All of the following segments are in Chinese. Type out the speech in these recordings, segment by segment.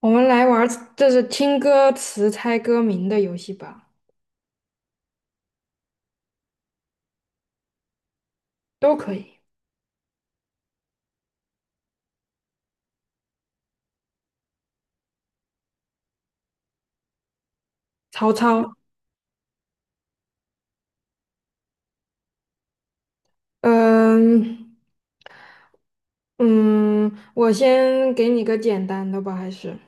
我们来玩儿，就是听歌词猜歌名的游戏吧，都可以。曹操，嗯。嗯，我先给你个简单的吧，还是，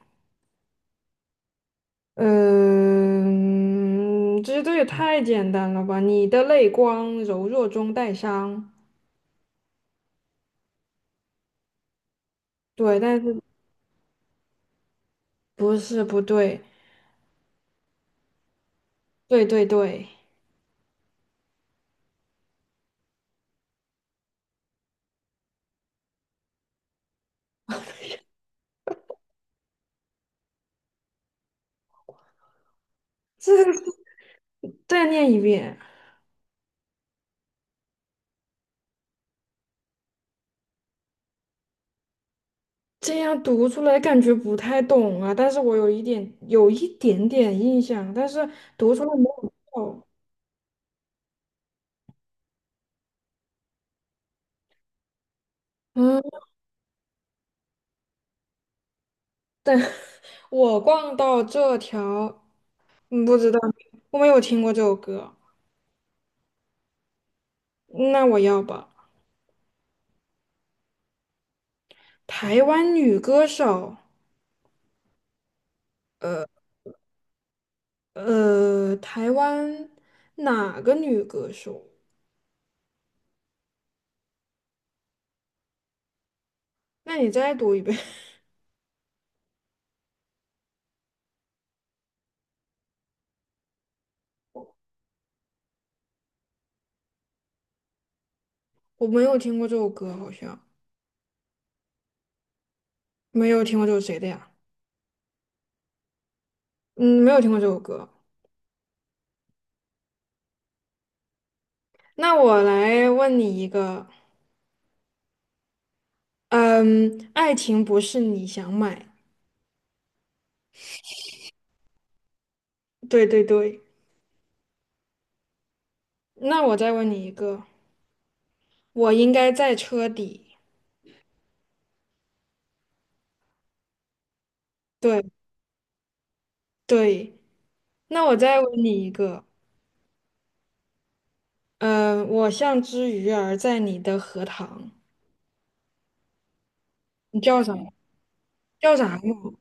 嗯，这些都也太简单了吧？你的泪光柔弱中带伤，对，但是不是不对，对对对。这个再念一遍。这样读出来感觉不太懂啊，但是我有一点点印象，但是读出来没有哦。嗯，我逛到这条，不知道，我没有听过这首歌，那我要吧。台湾女歌手，台湾哪个女歌手？那你再读一遍。我没有听过这首歌，好像没有听过这首谁的呀？嗯，没有听过这首歌。那我来问你一个，嗯，爱情不是你想买。对对对，那我再问你一个，我应该在车底。对对，那我再问你一个，嗯，我像只鱼儿在你的荷塘，你叫啥？叫啥嘛？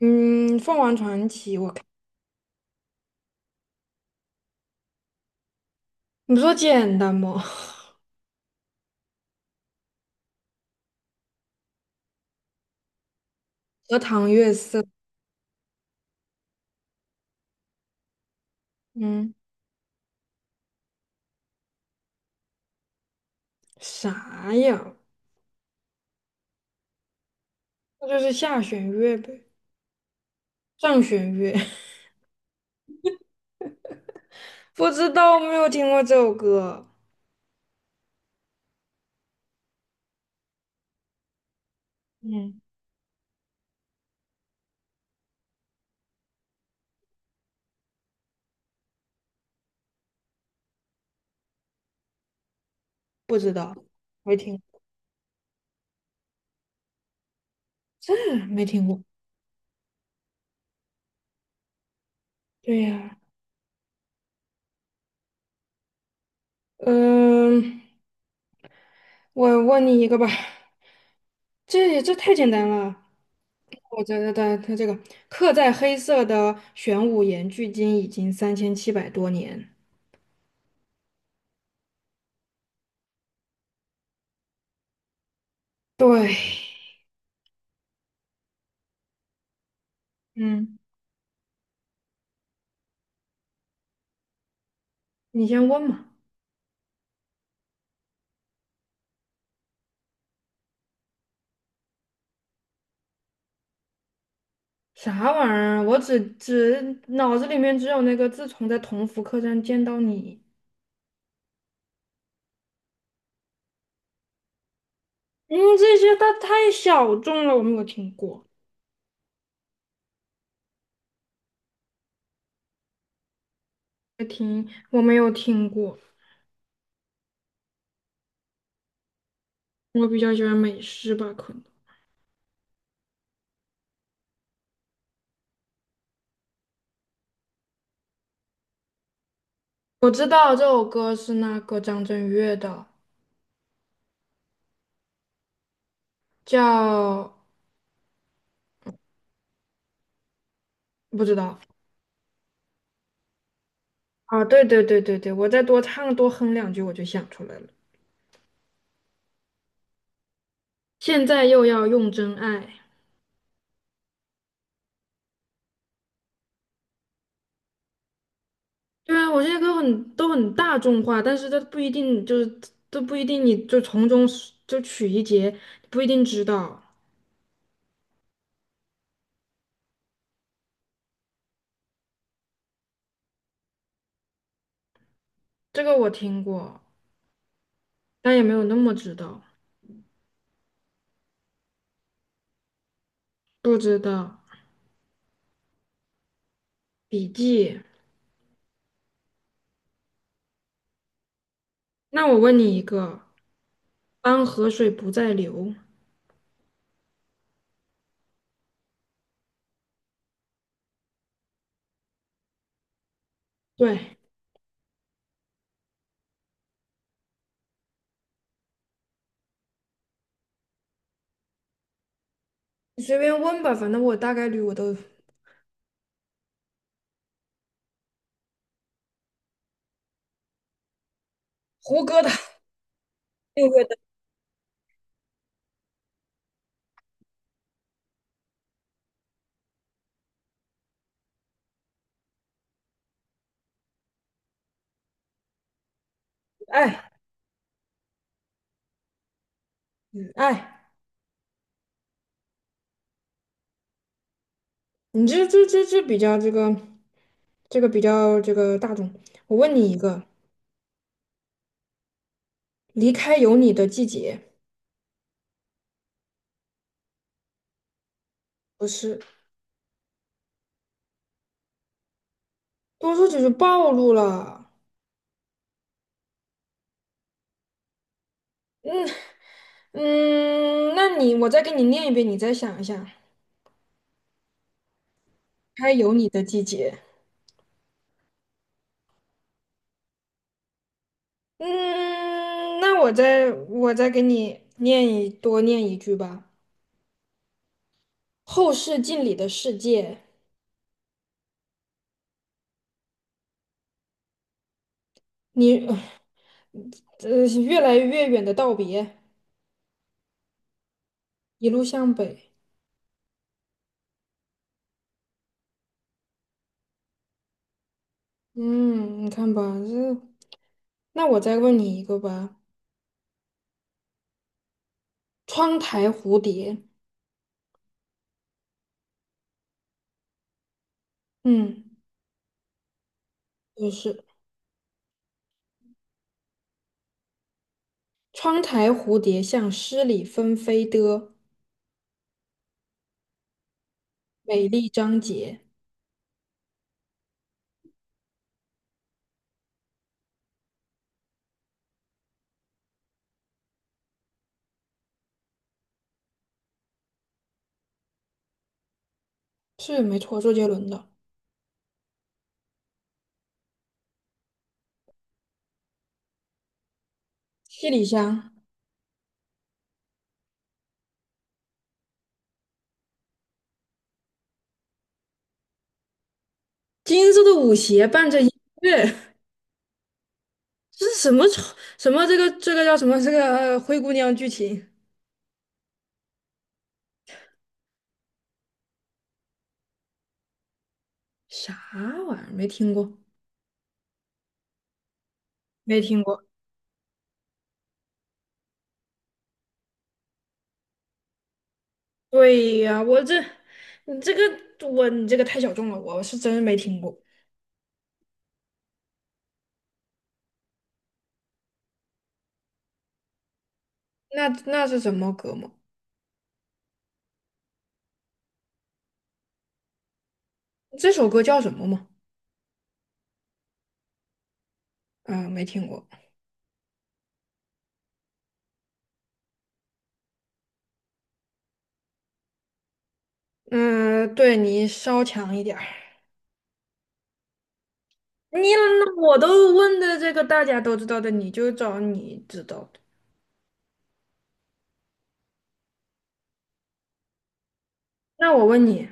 嗯，凤凰传奇。我看你不说简单吗？荷塘月色，嗯，啥呀？那就是下弦月呗，上弦月。不知道，没有听过这首歌。嗯，不知道，没听。这没听过。对呀，嗯，我问你一个吧，这太简单了。我觉得它这个刻在黑色的玄武岩距今已经3700多年。对，嗯，你先问嘛，啥玩意儿啊？我脑子里面只有那个自从在同福客栈见到你，嗯，这些它太小众了，我没有听过，我没有听过。我比较喜欢美式吧，可能。我知道这首歌是那个张震岳的，叫不知道啊，对对对对对，我再多唱多哼两句我就想出来了。现在又要用真爱，对啊，我这些歌很都很大众化，但是它不一定就是都不一定，你就从中是就取一节，不一定知道这个我听过，但也没有那么知道，不知道笔记。那我问你一个，当河水不再流，对，你随便问吧，反正我大概率我都胡歌的《六月的爱》哎，爱，你这比较这个比较这个大众。我问你一个，离开有你的季节，不是，多说只是暴露了。嗯，那你我再给你念一遍，你再想一下，离开有你的季节。嗯，那我再给你念一句吧。后视镜里的世界，你越来越远的道别，一路向北。嗯，你看吧，这那我再问你一个吧，窗台蝴蝶，嗯，就是窗台蝴蝶像诗里纷飞的美丽章节，是没错，周杰伦的《七里香》。金色的舞鞋伴着音乐，这是什么丑什么这个这个叫什么这个灰姑娘剧情？啥玩意儿？没听过，没听过。对呀，我这你这个我你这个太小众了，我是真没听过。那那是什么歌吗？这首歌叫什么吗？嗯，没听过。嗯，对你稍强一点儿。你那我都问的这个大家都知道的，你就找你知道的。那我问你，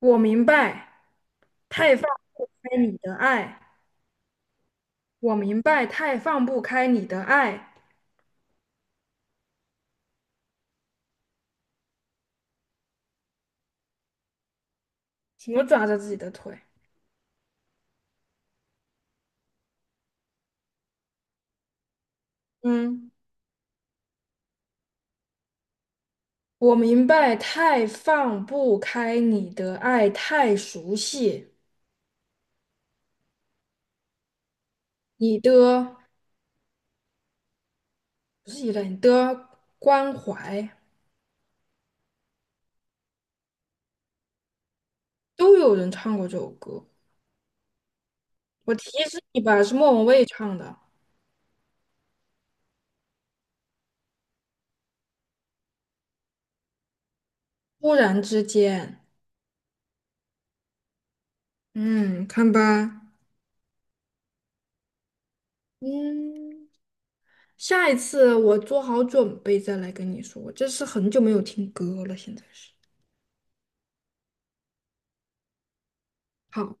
我明白太放不开你的爱，我明白太放不开你的爱，什么抓着自己的腿？嗯，我明白太放不开你的爱，太熟悉你的不是依赖你的关怀，都有人唱过这首歌。我提示你吧，是莫文蔚唱的《突然之间》。嗯，看吧，嗯，下一次我做好准备再来跟你说，我这是很久没有听歌了，现在是。好。